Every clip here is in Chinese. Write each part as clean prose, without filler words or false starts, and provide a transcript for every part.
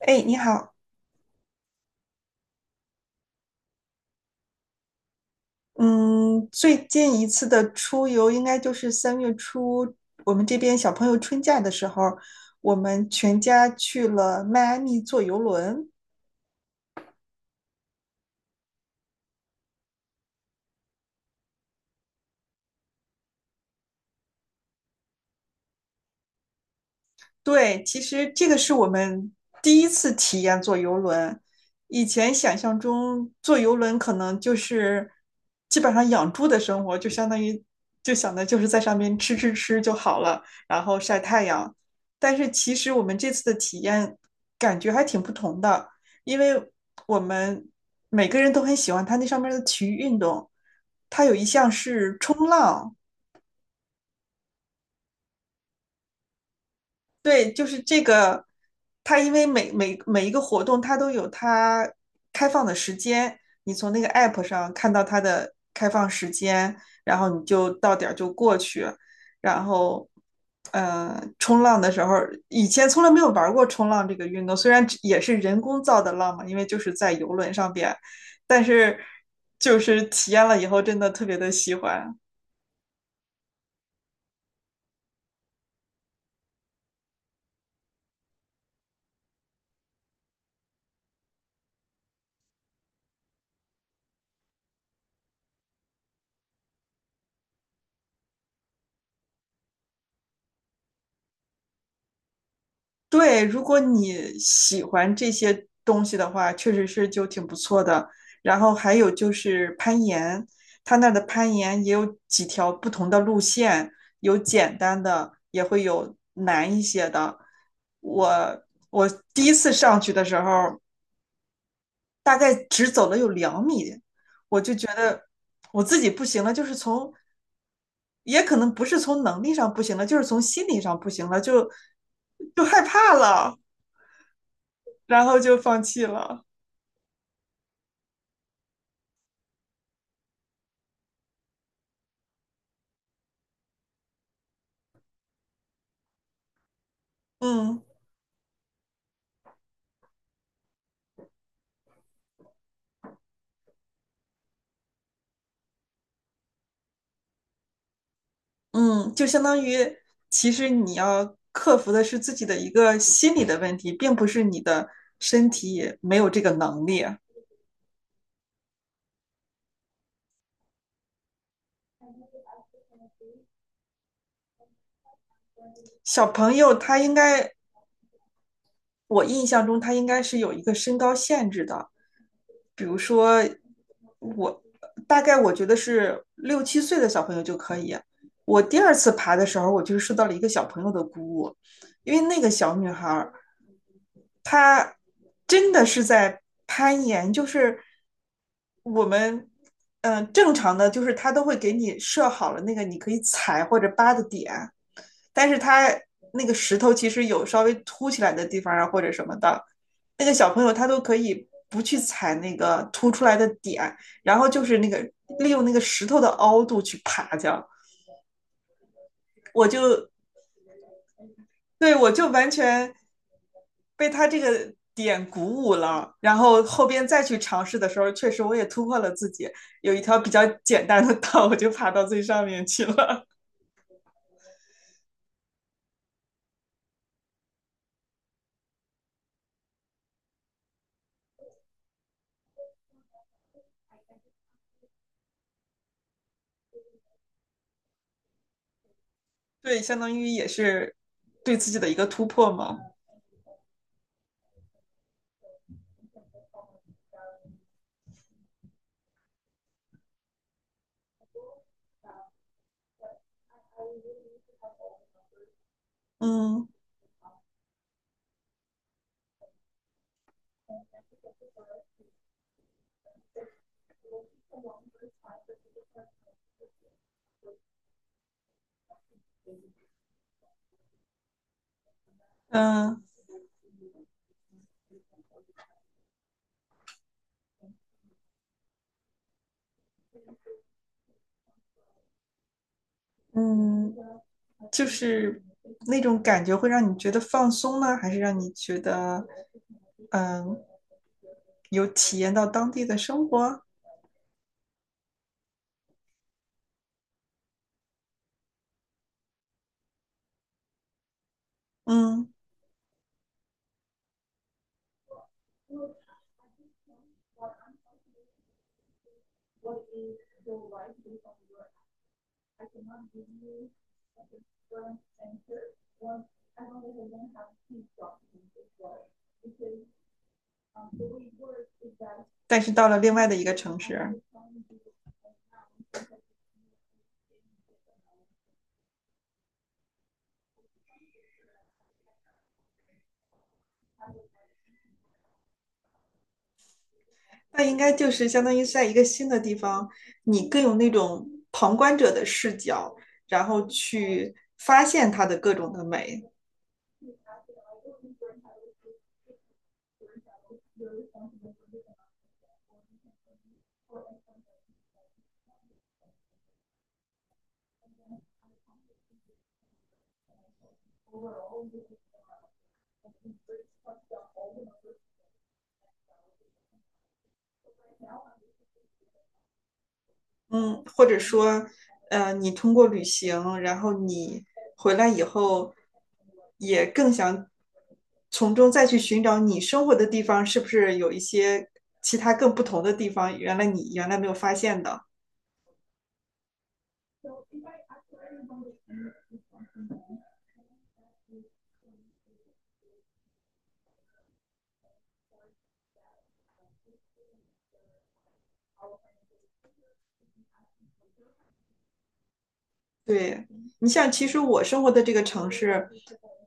哎，你好，嗯，最近一次的出游应该就是3月初，我们这边小朋友春假的时候，我们全家去了迈阿密坐游轮。对，其实这个是我们第一次体验坐游轮。以前想象中坐游轮可能就是基本上养猪的生活，就相当于就想的就是在上面吃吃吃就好了，然后晒太阳。但是其实我们这次的体验感觉还挺不同的，因为我们每个人都很喜欢它那上面的体育运动，它有一项是冲浪，对，就是这个，它因为每一个活动，它都有它开放的时间，你从那个 app 上看到它的开放时间，然后你就到点儿就过去，然后，冲浪的时候，以前从来没有玩过冲浪这个运动，虽然只也是人工造的浪嘛，因为就是在游轮上边，但是就是体验了以后，真的特别的喜欢。对，如果你喜欢这些东西的话，确实是就挺不错的。然后还有就是攀岩，它那儿的攀岩也有几条不同的路线，有简单的，也会有难一些的。我我第一次上去的时候，大概只走了有2米，我就觉得我自己不行了，就是从，也可能不是从能力上不行了，就是从心理上不行了，就害怕了。然后就放弃了。嗯嗯，就相当于其实你要克服的是自己的一个心理的问题，并不是你的身体没有这个能力。小朋友他应该，我印象中他应该是有一个身高限制的，比如说我大概我觉得是六七岁的小朋友就可以。我第二次爬的时候，我就受到了一个小朋友的鼓舞，因为那个小女孩她真的是在攀岩，就是我们正常的，就是她都会给你设好了那个你可以踩或者扒的点，但是她那个石头其实有稍微凸起来的地方啊或者什么的，那个小朋友他都可以不去踩那个凸出来的点，然后就是那个利用那个石头的凹度去爬这样。我就对，我就完全被他这个点鼓舞了，然后后边再去尝试的时候，确实我也突破了自己，有一条比较简单的道，我就爬到最上面去了。对，相当于也是对自己的一个突破嘛。嗯嗯嗯，就是那种感觉会让你觉得放松呢，还是让你觉得嗯有体验到当地的生活？嗯，但是到了另外的一个城市，那应该就是相当于在一个新的地方，你更有那种旁观者的视角，然后去发现它的各种的美。嗯，或者说，你通过旅行，然后你回来以后，也更想从中再去寻找你生活的地方是不是有一些其他更不同的地方，原来你原来没有发现的。对，你像其实我生活的这个城市，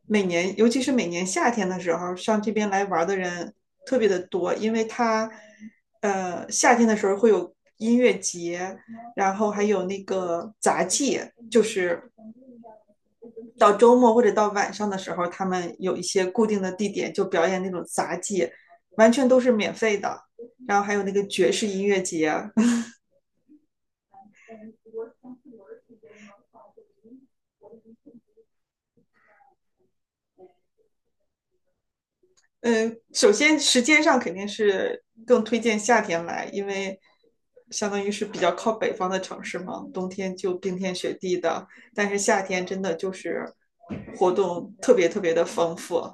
每年尤其是每年夏天的时候，上这边来玩的人特别的多，因为它，夏天的时候会有音乐节，然后还有那个杂技，就是到周末或者到晚上的时候，他们有一些固定的地点就表演那种杂技，完全都是免费的。然后还有那个爵士音乐节，嗯，首先时间上肯定是更推荐夏天来，因为相当于是比较靠北方的城市嘛，冬天就冰天雪地的，但是夏天真的就是活动特别特别的丰富，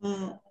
嗯。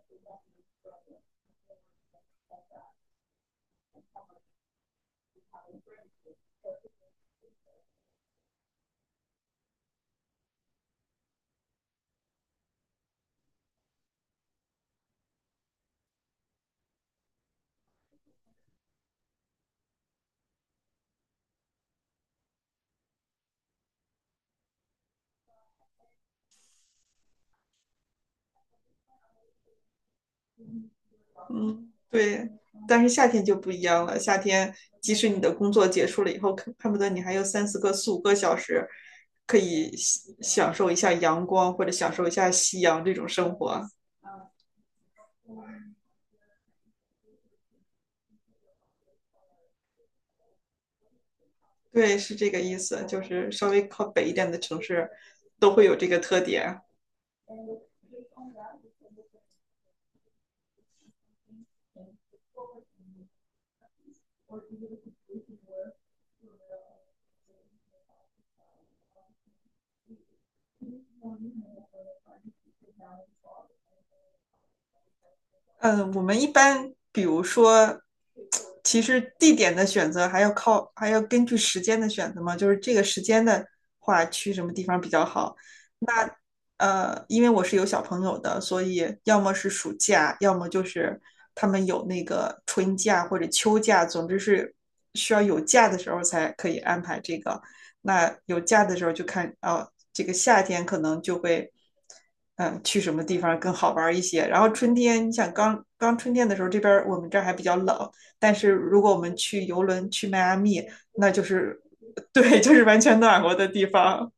嗯，对，但是夏天就不一样了。夏天，即使你的工作结束了以后，可恨不得你还有三四个、四五个小时，可以享受一下阳光或者享受一下夕阳这种生活。对，是这个意思，就是稍微靠北一点的城市都会有这个特点。嗯，我们一般比如说，其实地点的选择还要靠，还要根据时间的选择嘛，就是这个时间的话，去什么地方比较好。因为我是有小朋友的，所以要么是暑假，要么就是他们有那个春假或者秋假，总之是需要有假的时候才可以安排这个。那有假的时候就看，哦，这个夏天可能就会，去什么地方更好玩一些。然后春天，你想刚刚春天的时候，这边儿我们这儿还比较冷，但是如果我们去游轮去迈阿密，那就是，对，就是完全暖和的地方，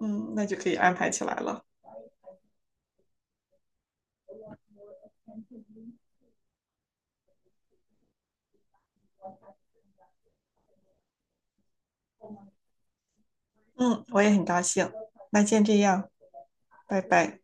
嗯，那就可以安排起来了。嗯，我也很高兴。那先这样，拜拜。